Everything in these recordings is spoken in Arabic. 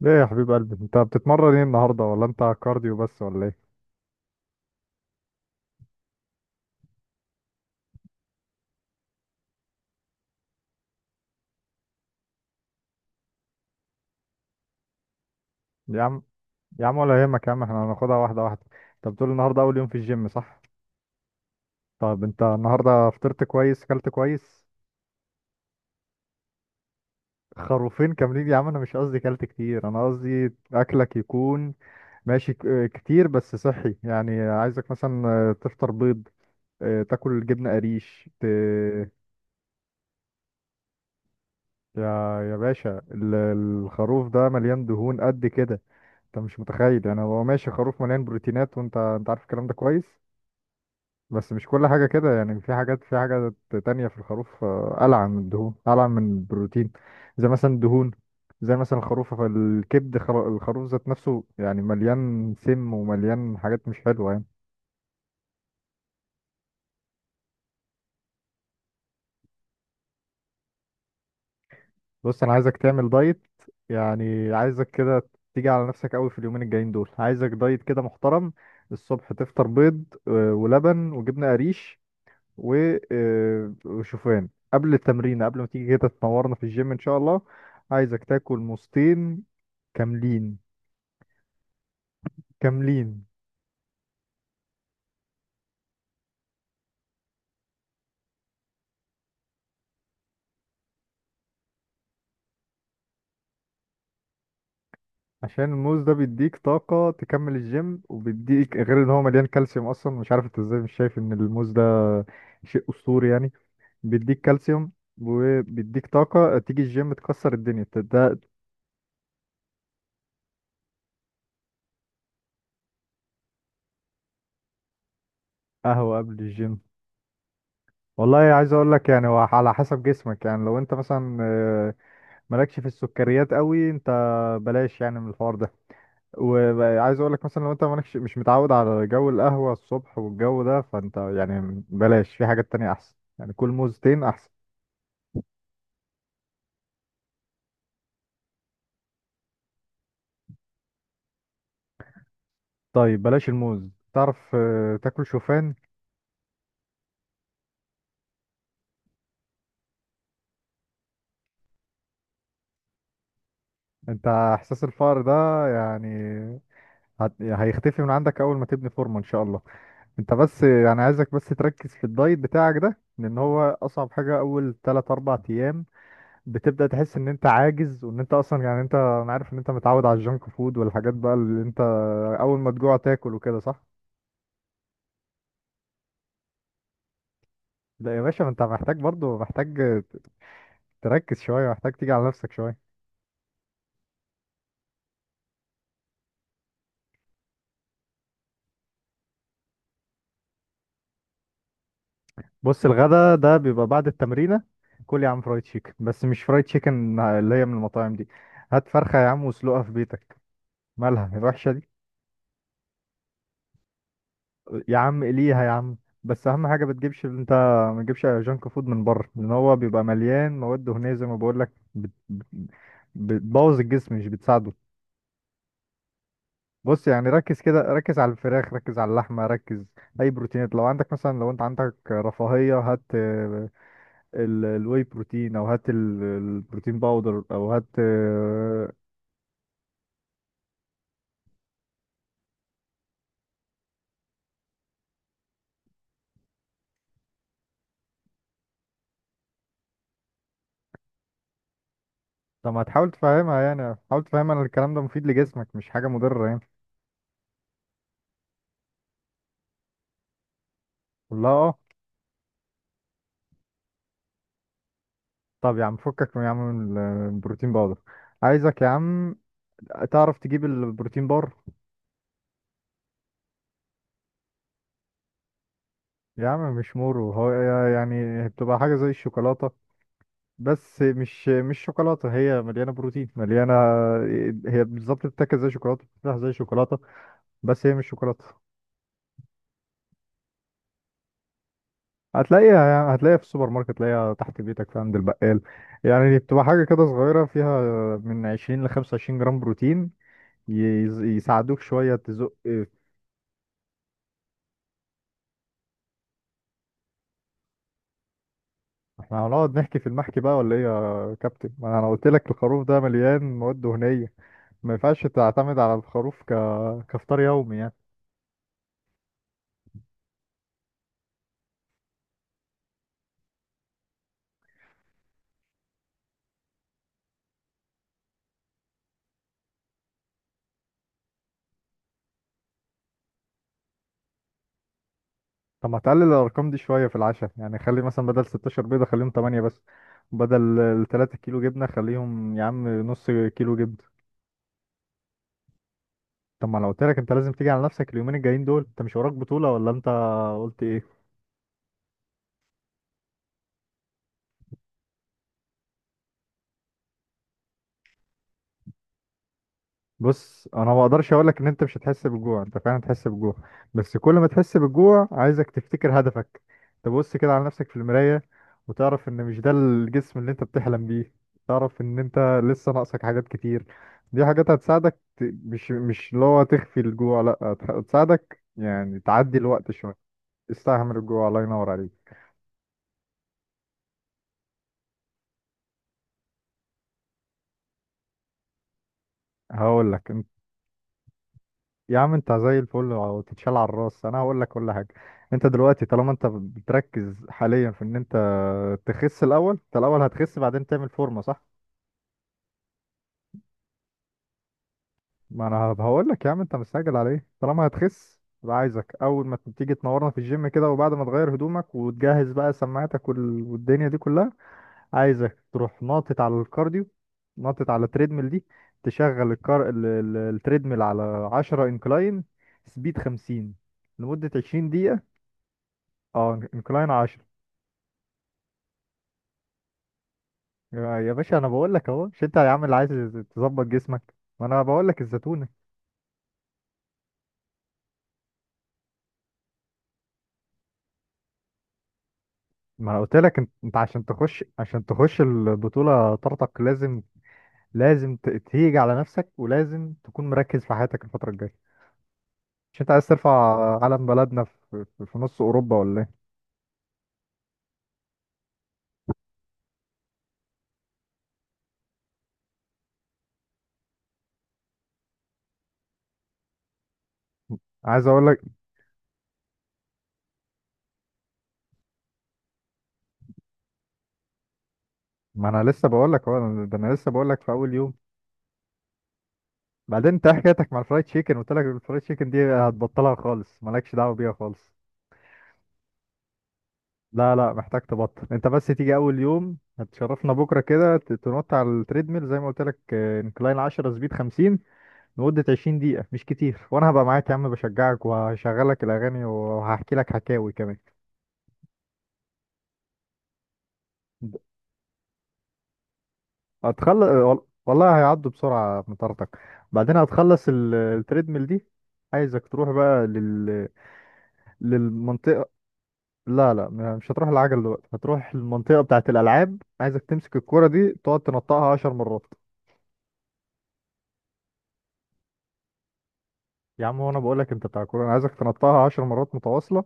ليه يا حبيب قلبي، انت بتتمرن ايه النهارده ولا انت كارديو بس ولا ايه؟ يا عم، يا عم ولا يهمك يا عم، احنا هناخدها واحده واحده. انت بتقول النهارده اول يوم في الجيم صح؟ طب انت النهارده فطرت كويس، اكلت كويس؟ خروفين كاملين؟ يا عم انا مش قصدي اكلت كتير، انا قصدي اكلك يكون ماشي كتير بس صحي. يعني عايزك مثلا تفطر بيض، اه، تاكل جبنه قريش يا يا باشا، الخروف ده مليان دهون قد كده. انت مش متخيل، يعني هو ماشي خروف مليان بروتينات، وانت عارف الكلام ده كويس. بس مش كل حاجة كده، يعني في حاجات، في حاجة تانية في الخروف ألعن من الدهون، ألعن من البروتين. زي مثلا الدهون، زي مثلا الخروف فالكبد الخروف ذات نفسه يعني مليان سم ومليان حاجات مش حلوة يعني. بص، أنا عايزك تعمل دايت، يعني عايزك كده تيجي على نفسك قوي في اليومين الجايين دول. عايزك دايت كده محترم. الصبح تفطر بيض ولبن وجبنة قريش وشوفان قبل التمرين، قبل ما تيجي كده تنورنا في الجيم ان شاء الله. عايزك تاكل موزتين كاملين. كاملين. عشان الموز ده بيديك طاقة تكمل الجيم، وبيديك غير ان هو مليان كالسيوم. اصلا مش عارف انت ازاي مش شايف ان الموز ده شيء اسطوري يعني. بيديك كالسيوم وبيديك طاقة تيجي الجيم تكسر الدنيا ده. قهوة قبل الجيم؟ والله عايز اقول لك، يعني هو على حسب جسمك. يعني لو انت مثلا مالكش في السكريات قوي انت، بلاش يعني من الحوار ده. وعايز اقول لك مثلا لو انت مالكش، مش متعود على جو القهوة الصبح والجو ده، فانت يعني بلاش، في حاجات تانية احسن. يعني كل موزتين احسن. طيب بلاش الموز، تعرف تاكل شوفان. انت احساس الفقر ده يعني هيختفي من عندك اول ما تبني فورمة ان شاء الله. انت بس يعني عايزك بس تركز في الدايت بتاعك ده، لان هو اصعب حاجة. اول 3 4 ايام بتبدأ تحس ان انت عاجز، وان انت اصلا يعني انت، انا عارف ان انت متعود على الجنك فود والحاجات بقى اللي انت اول ما تجوع تاكل وكده صح. لا يا باشا، ما انت محتاج برضو، محتاج ت- تركز شوية، محتاج تيجي على نفسك شوية. بص الغدا ده بيبقى بعد التمرينة. كل يا عم فرايد تشيكن، بس مش فرايد تشيكن اللي هي من المطاعم دي. هات فرخة يا عم واسلقها في بيتك. مالها الوحشة دي؟ يا عم ليها يا عم. بس اهم حاجه ما تجيبش انت، ما تجيبش جانك فود من بره، لان هو بيبقى مليان مواد دهنيه زي ما بقول لك. بتبوظ الجسم مش بتساعده. بص يعني ركز كده، ركز على الفراخ، ركز على اللحمه، ركز. اي بروتينات لو عندك، مثلا لو انت عندك رفاهيه هات الواي بروتين، او هات البروتين باودر، او هات طب ما تحاول تفهمها يعني، حاول تفهمها ان الكلام ده مفيد لجسمك، مش حاجه مضره يعني. قول لها اه. طب يا عم فكك من يا عم من البروتين باودر. عايزك يا عم تعرف تجيب البروتين بار. يا عم مش مورو هو، يعني بتبقى حاجة زي الشوكولاتة بس مش شوكولاتة. هي مليانة بروتين مليانة. هي بالظبط بتتاكل زي شوكولاتة، بتتفتح زي شوكولاتة، بس هي مش شوكولاتة. هتلاقيها يعني، هتلاقيها في السوبر ماركت، تلاقيها تحت بيتك في عند البقال. يعني بتبقى حاجة كده صغيرة فيها من 20 ل 25 جرام بروتين، يساعدوك شوية تزق. احنا هنقعد نحكي في المحكي بقى ولا ايه يا كابتن؟ ما انا قلت لك الخروف ده مليان مواد دهنية، ما ينفعش تعتمد على الخروف كفطار يومي يعني. طب ما تقلل الارقام دي شوية في العشاء يعني. خلي مثلا بدل 16 بيضة خليهم 8 بس، بدل ال 3 كيلو جبنة خليهم يا عم نص كيلو جبنة. طب ما انا قلت لك انت لازم تيجي على نفسك اليومين الجايين دول. انت مش وراك بطولة ولا انت قلت ايه؟ بص انا ما اقدرش اقول لك ان انت مش هتحس بالجوع. انت فعلا هتحس بالجوع، بس كل ما تحس بالجوع عايزك تفتكر هدفك، تبص كده على نفسك في المراية وتعرف ان مش ده الجسم اللي انت بتحلم بيه. تعرف ان انت لسه ناقصك حاجات كتير. دي حاجات هتساعدك مش اللي هو تخفي الجوع، لا، هتساعدك يعني تعدي الوقت شوية. تستحمل الجوع، الله ينور عليك. هقول لك يا عم، انت زي الفل وتتشال على الراس. انا هقول لك كل حاجه. انت دلوقتي طالما انت بتركز حاليا في ان انت تخس الاول، انت الاول هتخس بعدين تعمل فورمه صح. ما انا هقول لك يا عم انت مستعجل على ايه؟ طالما هتخس، يبقى عايزك اول ما تيجي تنورنا في الجيم كده، وبعد ما تغير هدومك وتجهز بقى سماعتك والدنيا دي كلها، عايزك تروح ناطط على الكارديو، ناطط على التريدميل دي. تشغل التريدميل على 10 انكلاين، سبيد 50، لمدة 20 دقيقة. اه انكلاين 10. يا باشا انا بقول لك اهو، مش انت يا عم اللي عايز تظبط جسمك؟ ما انا بقول لك الزتونه. ما انا قلت لك انت عشان تخش، عشان تخش البطوله طارتك، لازم، لازم تيجي على نفسك، ولازم تكون مركز في حياتك الفتره الجايه. مش انت عايز ترفع علم بلدنا في نص اوروبا ولا ايه؟ عايز اقول لك، ما انا لسه بقول لك اهو، ده انا لسه بقول لك في اول يوم. بعدين انت إيه حكايتك مع الفرايد تشيكن؟ قلت لك الفرايد تشيكن دي هتبطلها خالص، مالكش دعوه بيها خالص. لا لا، محتاج تبطل. انت بس تيجي اول يوم هتشرفنا بكره كده، تنط على التريدميل زي ما قلت لك، انكلاين 10، سبيد 50، لمده 20 دقيقه. مش كتير، وانا هبقى معاك يا عم بشجعك، وهشغلك الاغاني، وهحكي لك حكاوي كمان. هتخلص، والله هيعدوا بسرعه مطارتك. بعدين هتخلص التريدميل دي، عايزك تروح بقى للمنطقه. لا لا، مش هتروح العجل دلوقتي. هتروح المنطقه بتاعه الالعاب. عايزك تمسك الكره دي تقعد تنطقها 10 مرات. يا عم وانا بقول لك انت بتاع كوره. انا عايزك تنطها 10 مرات متواصله.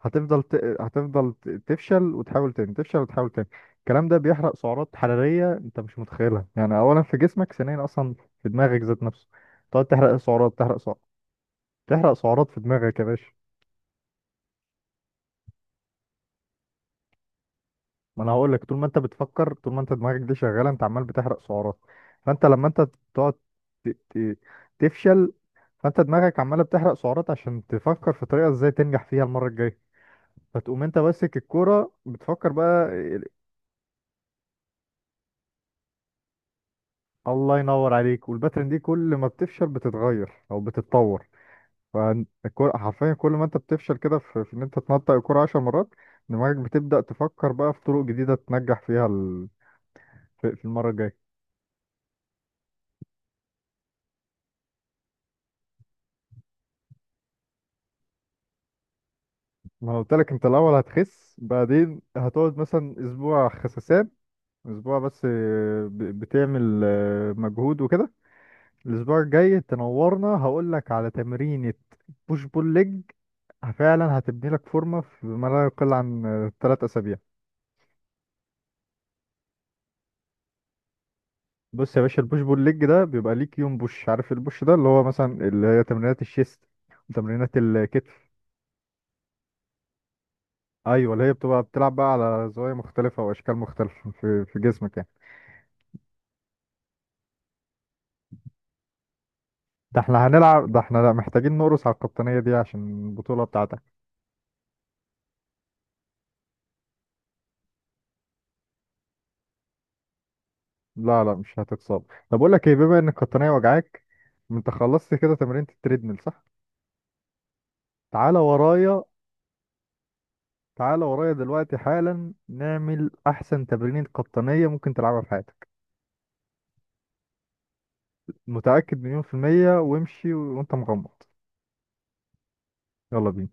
هتفضل ت... هتفضل تفشل وتحاول تاني، تفشل وتحاول تاني. الكلام ده بيحرق سعرات حراريه انت مش متخيلها يعني. اولا في جسمك، ثانيا اصلا في دماغك ذات نفسه. تقعد تحرق سعرات، تحرق سعرات. تحرق سعرات في دماغك يا باشا. ما انا هقول لك طول ما انت بتفكر، طول ما انت دماغك دي شغاله، انت عمال بتحرق سعرات. فانت لما انت تقعد ت... ت... تفشل، فانت دماغك عماله بتحرق سعرات عشان تفكر في طريقه ازاي تنجح فيها المره الجايه. فتقوم انت ماسك الكوره بتفكر بقى الله ينور عليك. والباترن دي كل ما بتفشل بتتغير او بتتطور. فالكوره حرفيا كل ما انت بتفشل كده في ان انت تنطق الكوره 10 مرات، دماغك بتبدأ تفكر بقى في طرق جديدة تنجح فيها في في المرة الجاية. ما انا قلت لك انت الاول هتخس، بعدين هتقعد مثلا اسبوع خسسان، اسبوع بس بتعمل مجهود وكده. الاسبوع الجاي تنورنا هقول لك على تمرينة بوش بول ليج، فعلا هتبني لك فورمه في ما لا يقل عن 3 اسابيع. بص يا باشا البوش بول ليج ده بيبقى ليك يوم بوش. عارف البوش ده اللي هو مثلا اللي هي تمرينات الشيست وتمرينات الكتف. ايوه اللي هي بتبقى بتلعب بقى على زوايا مختلفه واشكال مختلفه في جسمك يعني. ده احنا هنلعب، ده احنا محتاجين نقرص على القطنيه دي عشان البطوله بتاعتك. لا لا، مش هتتصاب. طب اقول لك ايه؟ بما ان القطنيه وجعاك، انت خلصت كده تمرينة التريدميل صح؟ تعالى ورايا. تعالى ورايا دلوقتي حالا نعمل أحسن تمرينة قطنية ممكن تلعبها في حياتك. متأكد مليون في المية، وامشي وانت مغمض. يلا بينا.